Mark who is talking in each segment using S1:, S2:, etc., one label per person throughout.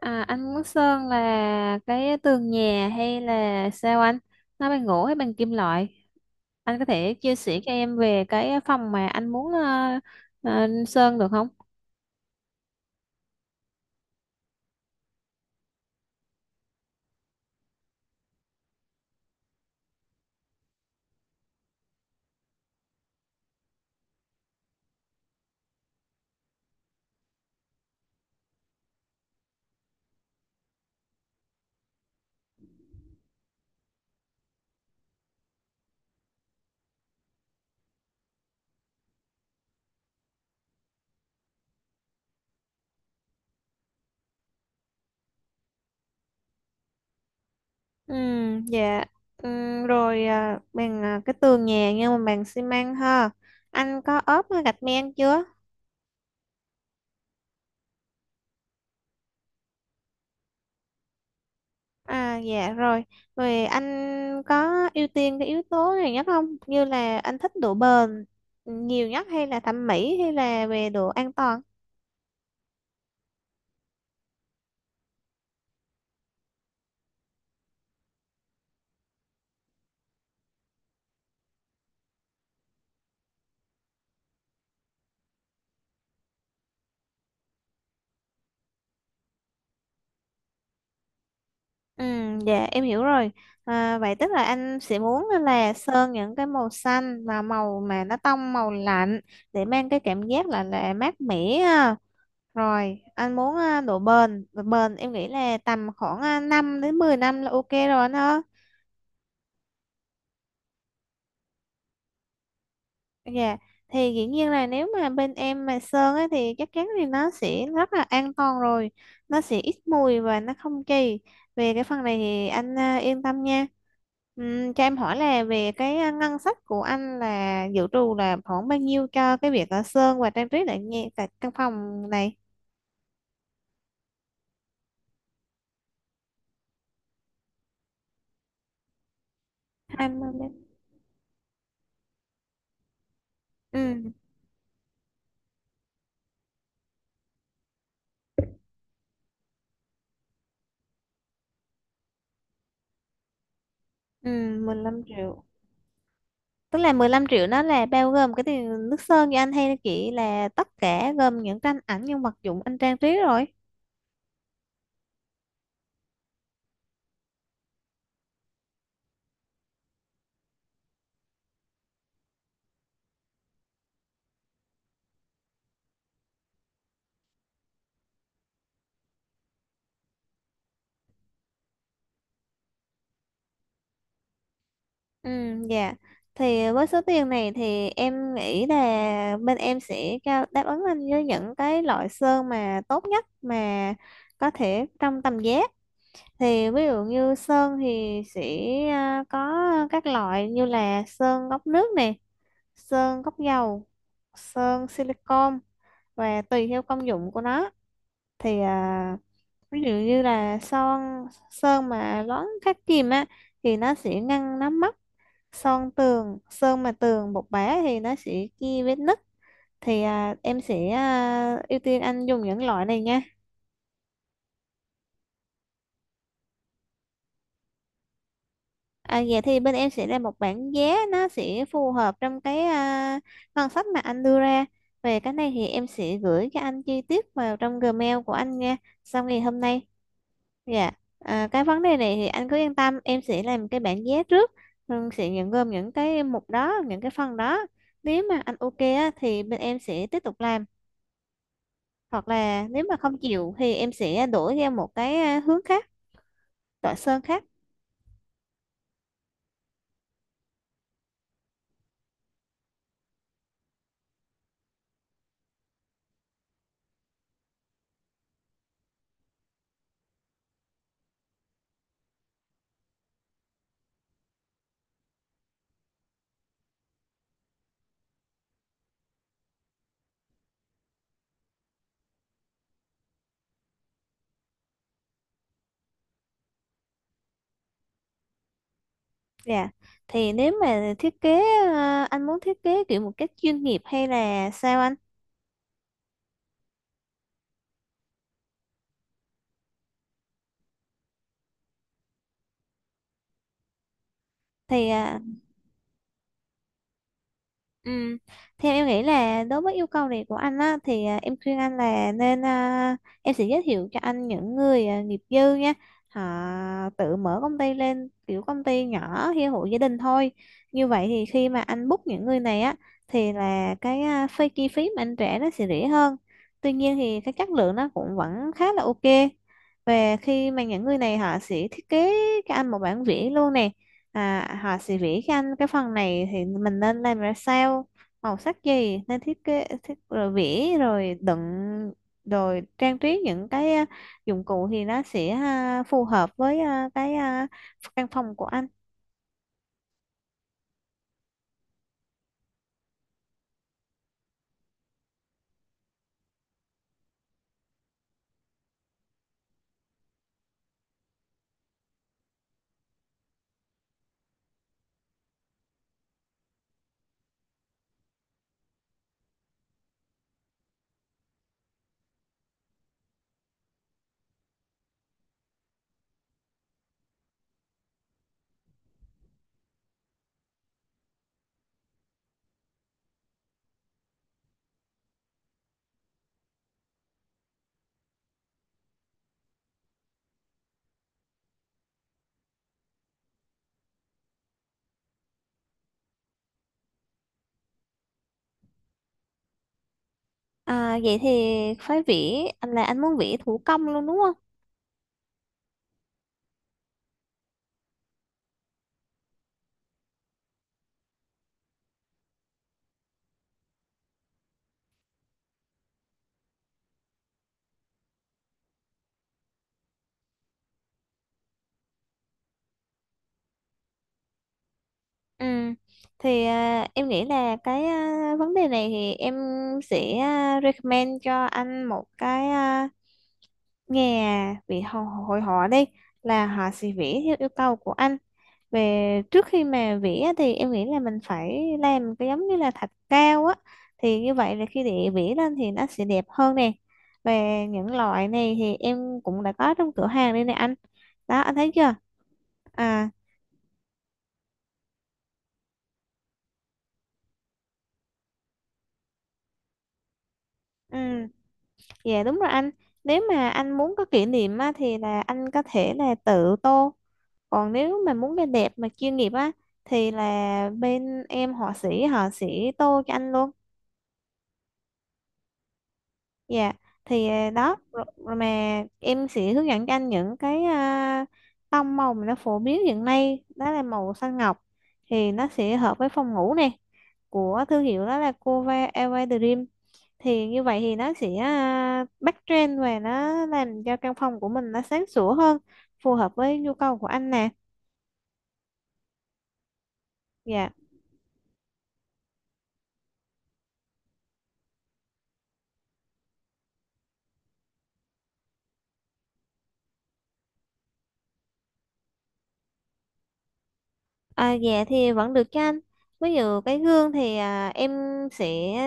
S1: À, anh muốn sơn là cái tường nhà hay là sao anh? Nó bằng gỗ hay bằng kim loại? Anh có thể chia sẻ cho em về cái phòng mà anh muốn sơn được không? Ừ, dạ. Ừ, rồi bằng cái tường nhà nhưng mà bằng xi măng ha. Anh có ốp gạch men chưa? À, dạ rồi. Rồi anh có ưu tiên cái yếu tố này nhất không? Như là anh thích độ bền nhiều nhất hay là thẩm mỹ hay là về độ an toàn? Ừ, dạ em hiểu rồi. À, vậy tức là anh sẽ muốn là sơn những cái màu xanh và màu mà nó tông màu lạnh để mang cái cảm giác là mát mẻ ha. Rồi, anh muốn độ bền em nghĩ là tầm khoảng 5 đến 10 năm là ok rồi anh ha. Dạ, thì dĩ nhiên là nếu mà bên em mà sơn ấy, thì chắc chắn thì nó sẽ rất là an toàn rồi. Nó sẽ ít mùi và nó không kỳ. Về cái phần này thì anh yên tâm nha. Cho em hỏi là về cái ngân sách của anh là dự trù là khoảng bao nhiêu cho cái việc ở sơn và trang trí lại nghe tại căn phòng này? 20 đến ừ, ừ, 15 triệu. Tức là 15 triệu nó là bao gồm cái tiền nước sơn cho anh hay chỉ là tất cả gồm những tranh ảnh, những vật dụng anh trang trí rồi? Ừ, dạ. Thì với số tiền này thì em nghĩ là bên em sẽ cao đáp ứng anh với những cái loại sơn mà tốt nhất mà có thể trong tầm giá. Thì ví dụ như sơn thì sẽ có các loại như là sơn gốc nước nè, sơn gốc dầu, sơn silicon và tùy theo công dụng của nó. Thì ví dụ như là sơn mà loãng khắc kìm á thì nó sẽ ngăn nắm mốc, sơn tường sơn mà tường bột bã thì nó sẽ kia vết nứt. Thì em sẽ ưu tiên anh dùng những loại này nha. Vậy thì bên em sẽ ra một bảng giá nó sẽ phù hợp trong cái ngân sách mà anh đưa ra. Về cái này thì em sẽ gửi cho anh chi tiết vào trong Gmail của anh nha, sau ngày hôm nay. Dạ. Cái vấn đề này thì anh cứ yên tâm, em sẽ làm cái bảng giá trước rồi sẽ nhận gồm những cái mục đó, những cái phần đó. Nếu mà anh ok á, thì bên em sẽ tiếp tục làm, hoặc là nếu mà không chịu thì em sẽ đổi ra một cái hướng khác, loại sơn khác. Dạ, thì nếu mà thiết kế anh muốn thiết kế kiểu một cách chuyên nghiệp hay là sao anh? Thì Ừ. Theo em nghĩ là đối với yêu cầu này của anh á, thì em khuyên anh là nên em sẽ giới thiệu cho anh những người nghiệp dư nha. Họ tự mở công ty lên, kiểu công ty nhỏ hay hộ gia đình thôi. Như vậy thì khi mà anh book những người này á, thì là cái chi phí mà anh trả nó sẽ rẻ hơn. Tuy nhiên thì cái chất lượng nó cũng vẫn khá là ok. Về khi mà những người này họ sẽ thiết kế cho anh một bản vẽ luôn nè. À, hỏi CV các anh cái phần này thì mình nên làm ra sao, màu sắc gì, nên thiết kế thiết rồi vẽ rồi đựng, rồi trang trí những cái dụng cụ thì nó sẽ phù hợp với cái căn phòng của anh. Vậy thì phải vẽ, anh là anh muốn vẽ thủ công luôn đúng không? Ừ. Thì em nghĩ là cái vấn đề này thì em sẽ recommend cho anh một cái nhà vị họ- hội họa đi, là họ sẽ vẽ theo yêu cầu của anh. Về trước khi mà vẽ thì em nghĩ là mình phải làm cái giống như là thạch cao á, thì như vậy là khi để vẽ lên thì nó sẽ đẹp hơn nè. Về những loại này thì em cũng đã có trong cửa hàng đây nè anh. Đó, anh thấy chưa? À, ừ. Dạ, đúng rồi anh. Nếu mà anh muốn có kỷ niệm á, thì là anh có thể là tự tô. Còn nếu mà muốn cái đẹp mà chuyên nghiệp á, thì là bên em họa sĩ họ sẽ tô cho anh luôn. Dạ. Thì đó rồi, rồi mà em sẽ hướng dẫn cho anh những cái tông màu mà nó phổ biến hiện nay, đó là màu xanh ngọc thì nó sẽ hợp với phòng ngủ này, của thương hiệu đó là Cova Elva Dream. Thì như vậy thì nó sẽ backtrend và nó làm cho căn phòng của mình nó sáng sủa hơn, phù hợp với nhu cầu của anh nè. Dạ. À, dạ thì vẫn được cho anh. Ví dụ cái gương thì em sẽ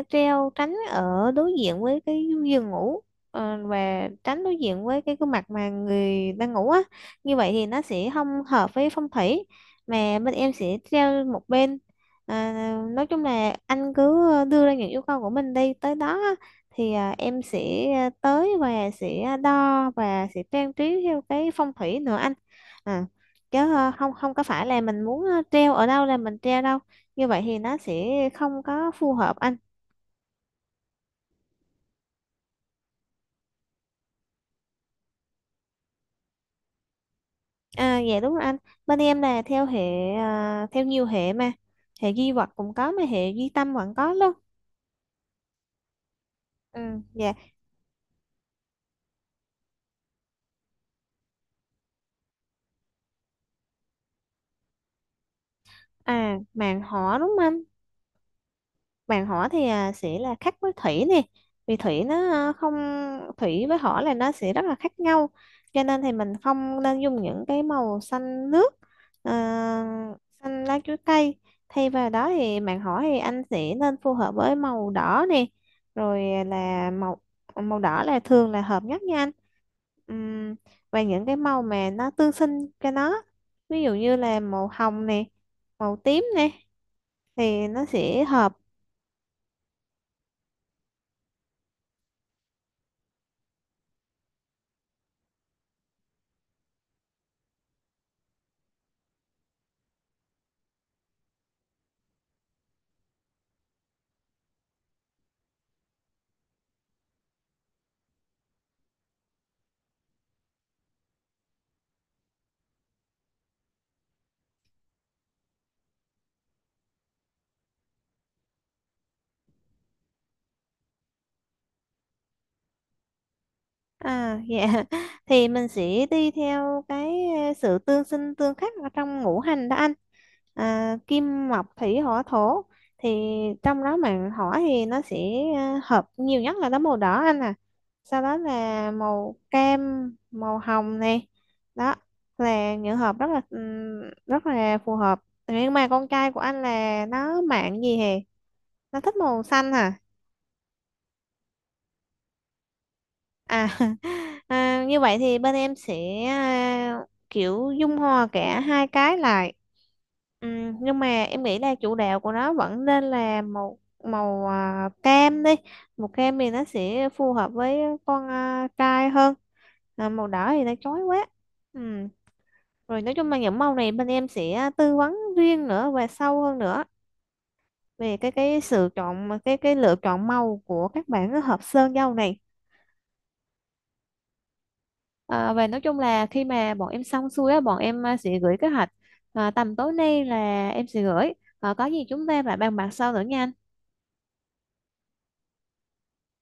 S1: treo tránh ở đối diện với cái giường ngủ, và tránh đối diện với cái gương mặt mà người đang ngủ á. Như vậy thì nó sẽ không hợp với phong thủy, mà bên em sẽ treo một bên. À, nói chung là anh cứ đưa ra những yêu cầu của mình đi, tới đó á, thì em sẽ tới và sẽ đo và sẽ trang trí theo cái phong thủy nữa anh. À, chứ không không có phải là mình muốn treo ở đâu là mình treo đâu, như vậy thì nó sẽ không có phù hợp anh. À, dạ đúng rồi anh. Bên em là theo hệ theo nhiều hệ mà, hệ duy vật cũng có mà hệ duy tâm vẫn có luôn. Ừ, dạ. À, màn họ đúng không anh? Vàng hỏa thì sẽ là khác với thủy nè, vì thủy nó không, thủy với hỏa là nó sẽ rất là khác nhau, cho nên thì mình không nên dùng những cái màu xanh nước, à, xanh lá chuối cây. Thay vào đó thì bạn hỏi thì anh sẽ nên phù hợp với màu đỏ nè, rồi là màu màu đỏ là thường là hợp nhất nha anh. Ừm, và những cái màu mà nó tương sinh cho nó, ví dụ như là màu hồng nè, màu tím nè, thì nó sẽ hợp. À, dạ thì mình sẽ đi theo cái sự tương sinh tương khắc ở trong ngũ hành đó anh, kim mộc thủy hỏa thổ. Thì trong đó mà hỏa thì nó sẽ hợp nhiều nhất là đó màu đỏ anh à, sau đó là màu cam, màu hồng này. Đó là những hợp rất là phù hợp. Nhưng mà con trai của anh là nó mạng gì hè? Nó thích màu xanh hả? À, như vậy thì bên em sẽ kiểu dung hòa cả hai cái lại. Nhưng mà em nghĩ là chủ đạo của nó vẫn nên là màu màu à, cam đi. Màu cam thì nó sẽ phù hợp với con trai hơn. À, màu đỏ thì nó chói quá. Ừm, Rồi nói chung là những màu này bên em sẽ tư vấn riêng nữa và sâu hơn nữa về cái sự chọn, cái lựa chọn màu của các bạn hợp sơn dâu này. À, và nói chung là khi mà bọn em xong xuôi á, bọn em sẽ gửi kế hoạch tầm tối nay là em sẽ gửi. À, có gì chúng ta lại bàn bạc sau nữa nha anh.